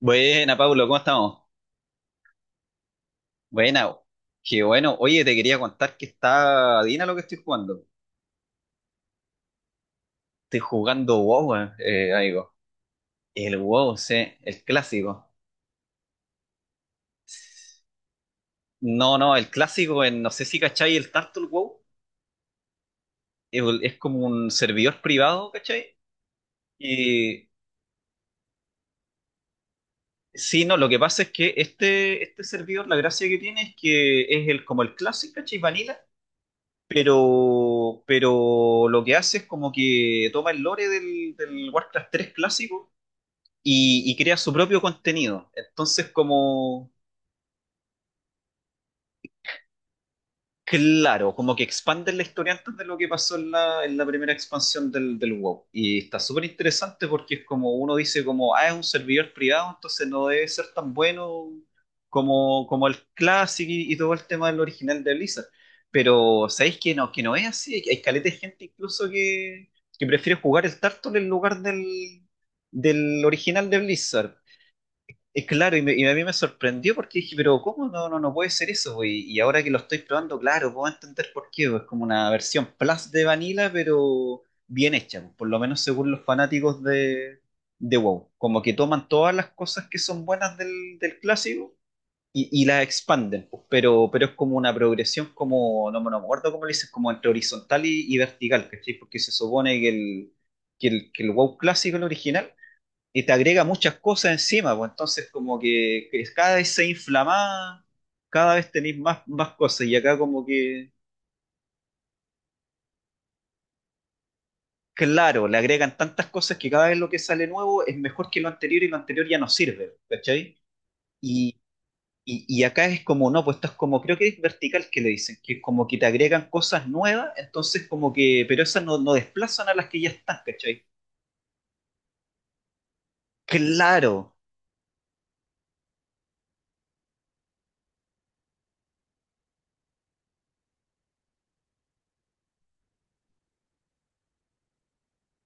Buena, Pablo, ¿cómo estamos? Buena, qué bueno. Oye, te quería contar que está Dina lo que estoy jugando. Estoy jugando WoW, amigo. El WoW, sí, el clásico. No, no, el clásico, no sé si cachai el Turtle WoW. Es como un servidor privado, ¿cachai? Y sí, no, lo que pasa es que este servidor, la gracia que tiene es que es el, como el clásico, ¿cachai? Vanilla. Pero lo que hace es como que toma el lore del Warcraft 3 clásico y crea su propio contenido. Entonces, como, claro, como que expanden la historia antes de lo que pasó en la primera expansión del WoW. Y está súper interesante porque es como uno dice como, ah, es un servidor privado, entonces no debe ser tan bueno como, como el Classic y todo el tema del original de Blizzard. Pero, ¿sabéis que no es así? Hay caleta de gente incluso que prefiere jugar el Tartle en lugar del, del original de Blizzard. Es claro, y, y a mí me sorprendió porque dije, pero ¿cómo no, no, no puede ser eso, po? Y ahora que lo estoy probando, claro, puedo entender por qué, po. Es como una versión plus de Vanilla, pero bien hecha, po, por lo menos según los fanáticos de WoW. Como que toman todas las cosas que son buenas del clásico y las expanden, po, pero es como una progresión, como, no, me no me acuerdo cómo le dices, como entre horizontal y vertical, ¿cachai? Porque se supone que el, que el, que el WoW clásico, el original, y te agrega muchas cosas encima, pues entonces como que cada vez se inflama, cada vez tenéis más, más cosas y acá como que, claro, le agregan tantas cosas que cada vez lo que sale nuevo es mejor que lo anterior y lo anterior ya no sirve, ¿cachai? Y, y acá es como, no, pues esto es como, creo que es vertical que le dicen, que es como que te agregan cosas nuevas, entonces como que, pero esas no, no desplazan a las que ya están, ¿cachai? Claro,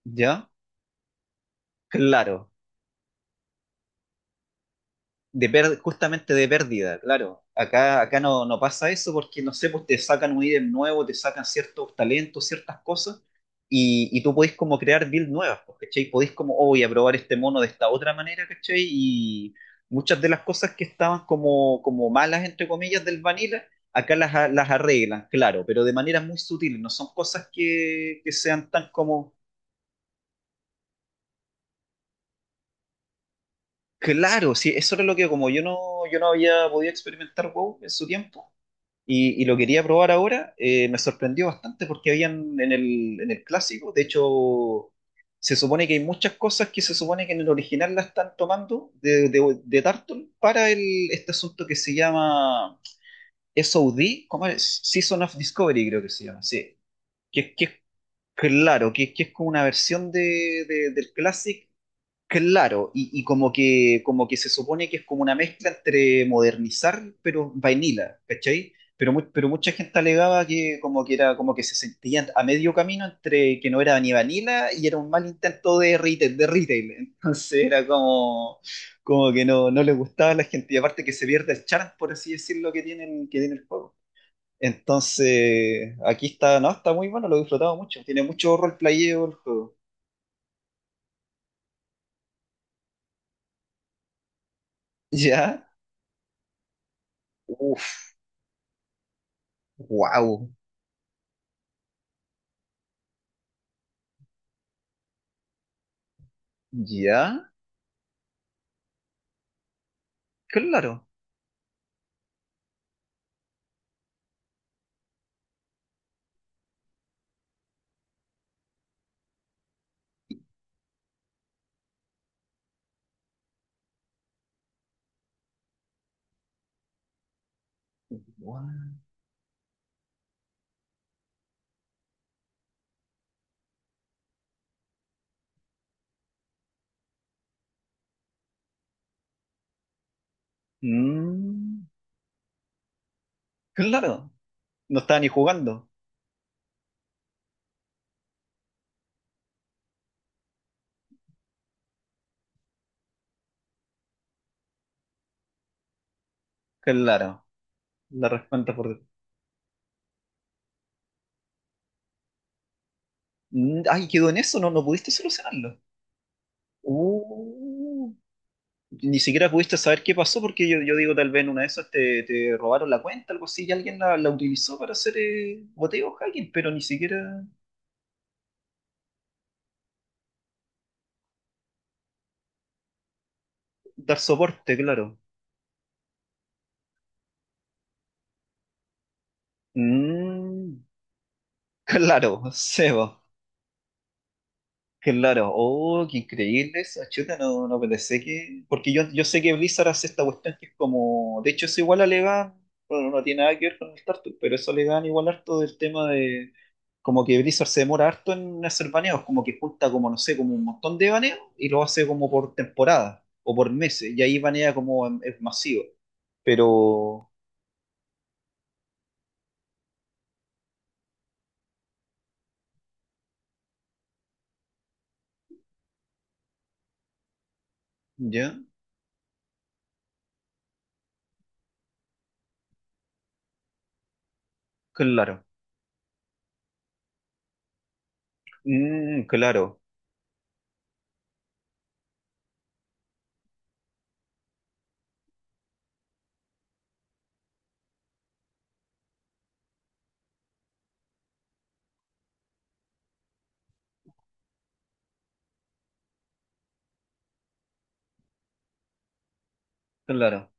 ¿ya? Claro. Justamente de pérdida, claro. Acá, acá no, no pasa eso porque, no sé, pues te sacan un ítem nuevo, te sacan ciertos talentos, ciertas cosas, y tú podés como crear builds nuevas, pues, ¿cachai? Podés como, oh, voy a probar este mono de esta otra manera, ¿cachai? Y muchas de las cosas que estaban como, como malas, entre comillas, del vanilla, acá las, las arreglan, claro, pero de maneras muy sutiles, no son cosas que sean tan como... Claro, sí, eso era lo que como yo no, yo no había podido experimentar WoW en su tiempo y lo quería probar ahora, me sorprendió bastante porque habían en el clásico, de hecho, se supone que hay muchas cosas que se supone que en el original la están tomando de Turtle para el, este asunto que se llama SOD, ¿cómo es? Season of Discovery creo que se llama, sí, que es claro, que es como una versión de, del Classic. Claro, y como que se supone que es como una mezcla entre modernizar, pero vainilla, ¿cachai? Pero, pero mucha gente alegaba que como que era, como que se sentían a medio camino entre que no era ni vanilla y era un mal intento de retail, de retail. Entonces era como, como que no, no le gustaba a la gente. Y aparte que se pierde el charm, por así decirlo, que tienen, que tiene el juego. Entonces, aquí está, no, está muy bueno, lo he disfrutado mucho. Tiene mucho roleplayeo el juego. ¿Ya? Uf, wow. Ya, claro. Guau. Mm, claro. No estaba ni jugando. Claro. La respuesta por... Mm, ay, quedó en eso, no, no pudiste solucionarlo. Uh, ni siquiera pudiste saber qué pasó porque yo digo, tal vez en una de esas te, te robaron la cuenta, algo así, y alguien la, la utilizó para hacer boteo hacking, pero ni siquiera dar soporte, claro. Mm, claro, Sebo. Claro, oh, qué increíble eso, chuta, no, no pensé que... Porque yo sé que Blizzard hace esta cuestión que es como... De hecho, eso igual alegan, bueno, no tiene nada que ver con el StarCraft, pero eso alegan igual harto del tema de... Como que Blizzard se demora harto en hacer baneos, como que junta como, no sé, como un montón de baneos y lo hace como por temporada o por meses, y ahí banea como es masivo. Pero, ¿ya? Claro, mm, claro, claro.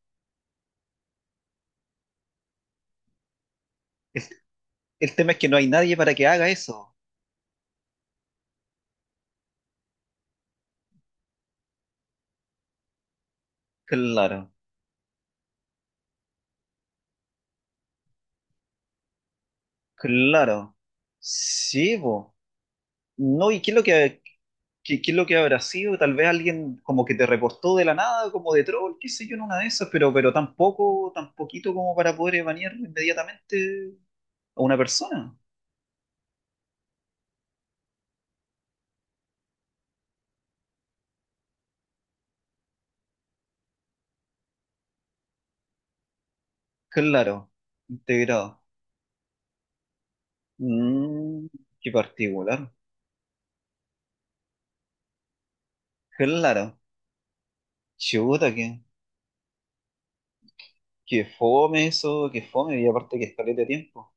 El tema es que no hay nadie para que haga eso, claro. Claro, sí, po. No, ¿y qué es lo que, qué, qué es lo que habrá sido? Tal vez alguien como que te reportó de la nada, como de troll, qué sé yo, en una de esas, pero tampoco, tan poquito como para poder banear inmediatamente a una persona. Claro, integrado. Mm, qué particular. Claro, chuta, qué, qué fome eso, qué fome, y aparte que escalete de tiempo.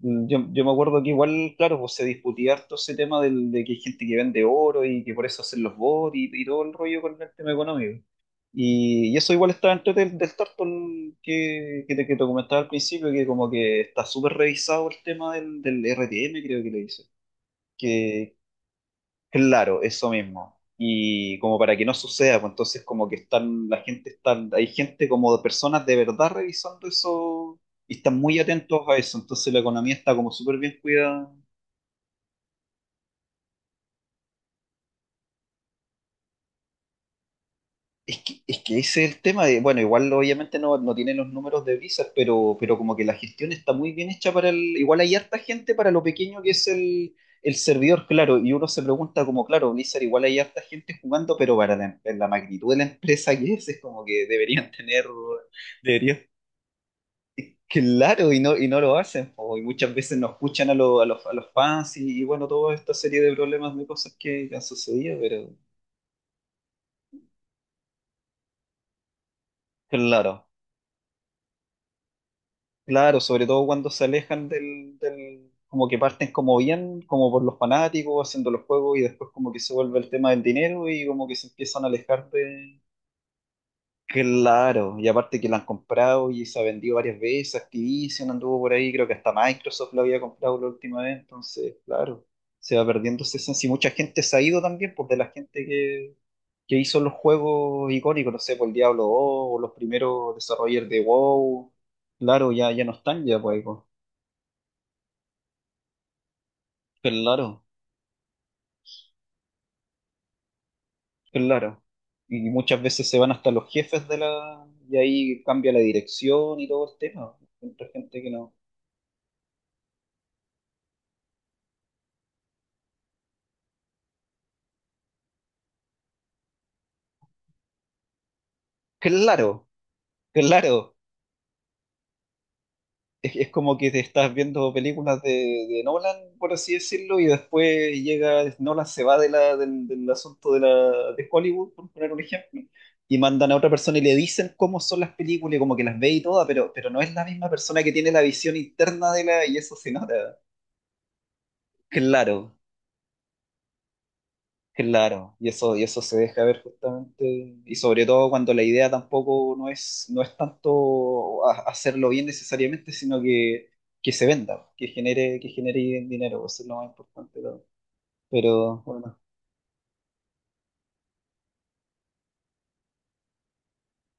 Mm, yo me acuerdo que igual, claro, pues se discutía harto ese tema del, de que hay gente que vende oro y que por eso hacen los bots y todo el rollo con el tema económico. Y eso igual está dentro del, del Tarton que te comentaba al principio, que como que está súper revisado el tema del, del RTM, creo que le dice. Que claro, eso mismo. Y como para que no suceda, pues entonces como que están, la gente está, hay gente como de personas de verdad revisando eso y están muy atentos a eso. Entonces la economía está como súper bien cuidada. Es que ese es el tema de, bueno, igual obviamente no, no tiene los números de visas, pero como que la gestión está muy bien hecha para el, igual hay harta gente para lo pequeño que es el servidor, claro, y uno se pregunta como, claro, Blizzard igual hay harta gente jugando, pero para la, la magnitud de la empresa que es como que deberían tener, deberían, claro, y no lo hacen, po, y muchas veces no escuchan a, a los fans y bueno, toda esta serie de problemas de cosas que han sucedido, pero claro. Claro, sobre todo cuando se alejan del, del, como que parten como bien, como por los fanáticos, haciendo los juegos y después como que se vuelve el tema del dinero y como que se empiezan a alejar de... Claro, y aparte que la han comprado y se ha vendido varias veces, Activision anduvo por ahí, creo que hasta Microsoft lo había comprado la última vez, entonces, claro, se va perdiendo esa esencia y mucha gente se ha ido también, pues de la gente que hizo los juegos icónicos, no sé, por el Diablo 2 o los primeros desarrolladores de WoW, claro, ya, ya no están ya, pues. Claro, claro. Y muchas veces se van hasta los jefes de la... Y ahí cambia la dirección y todo el tema. Encuentro gente que no. Claro, claro. Es como que te estás viendo películas de Nolan, por así decirlo, y después llega, Nolan se va de la, del, del asunto de, la, de Hollywood, por poner un ejemplo, y mandan a otra persona y le dicen cómo son las películas, y como que las ve y todas, pero no es la misma persona que tiene la visión interna de la, y eso se nota. Claro. Claro, y eso se deja ver justamente, y sobre todo cuando la idea tampoco no es, no es tanto hacerlo bien necesariamente, sino que se venda, que genere dinero, eso es lo más importante, ¿no? Pero bueno,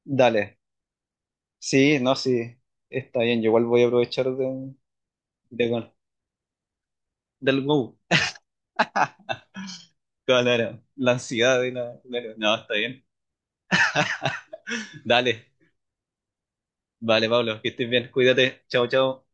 dale, sí, no, sí, está bien, yo igual voy a aprovechar de, de con- del wow, claro, la ansiedad y la, claro, no, está bien. Dale, vale, Pablo, que estés bien, cuídate, chao, chao.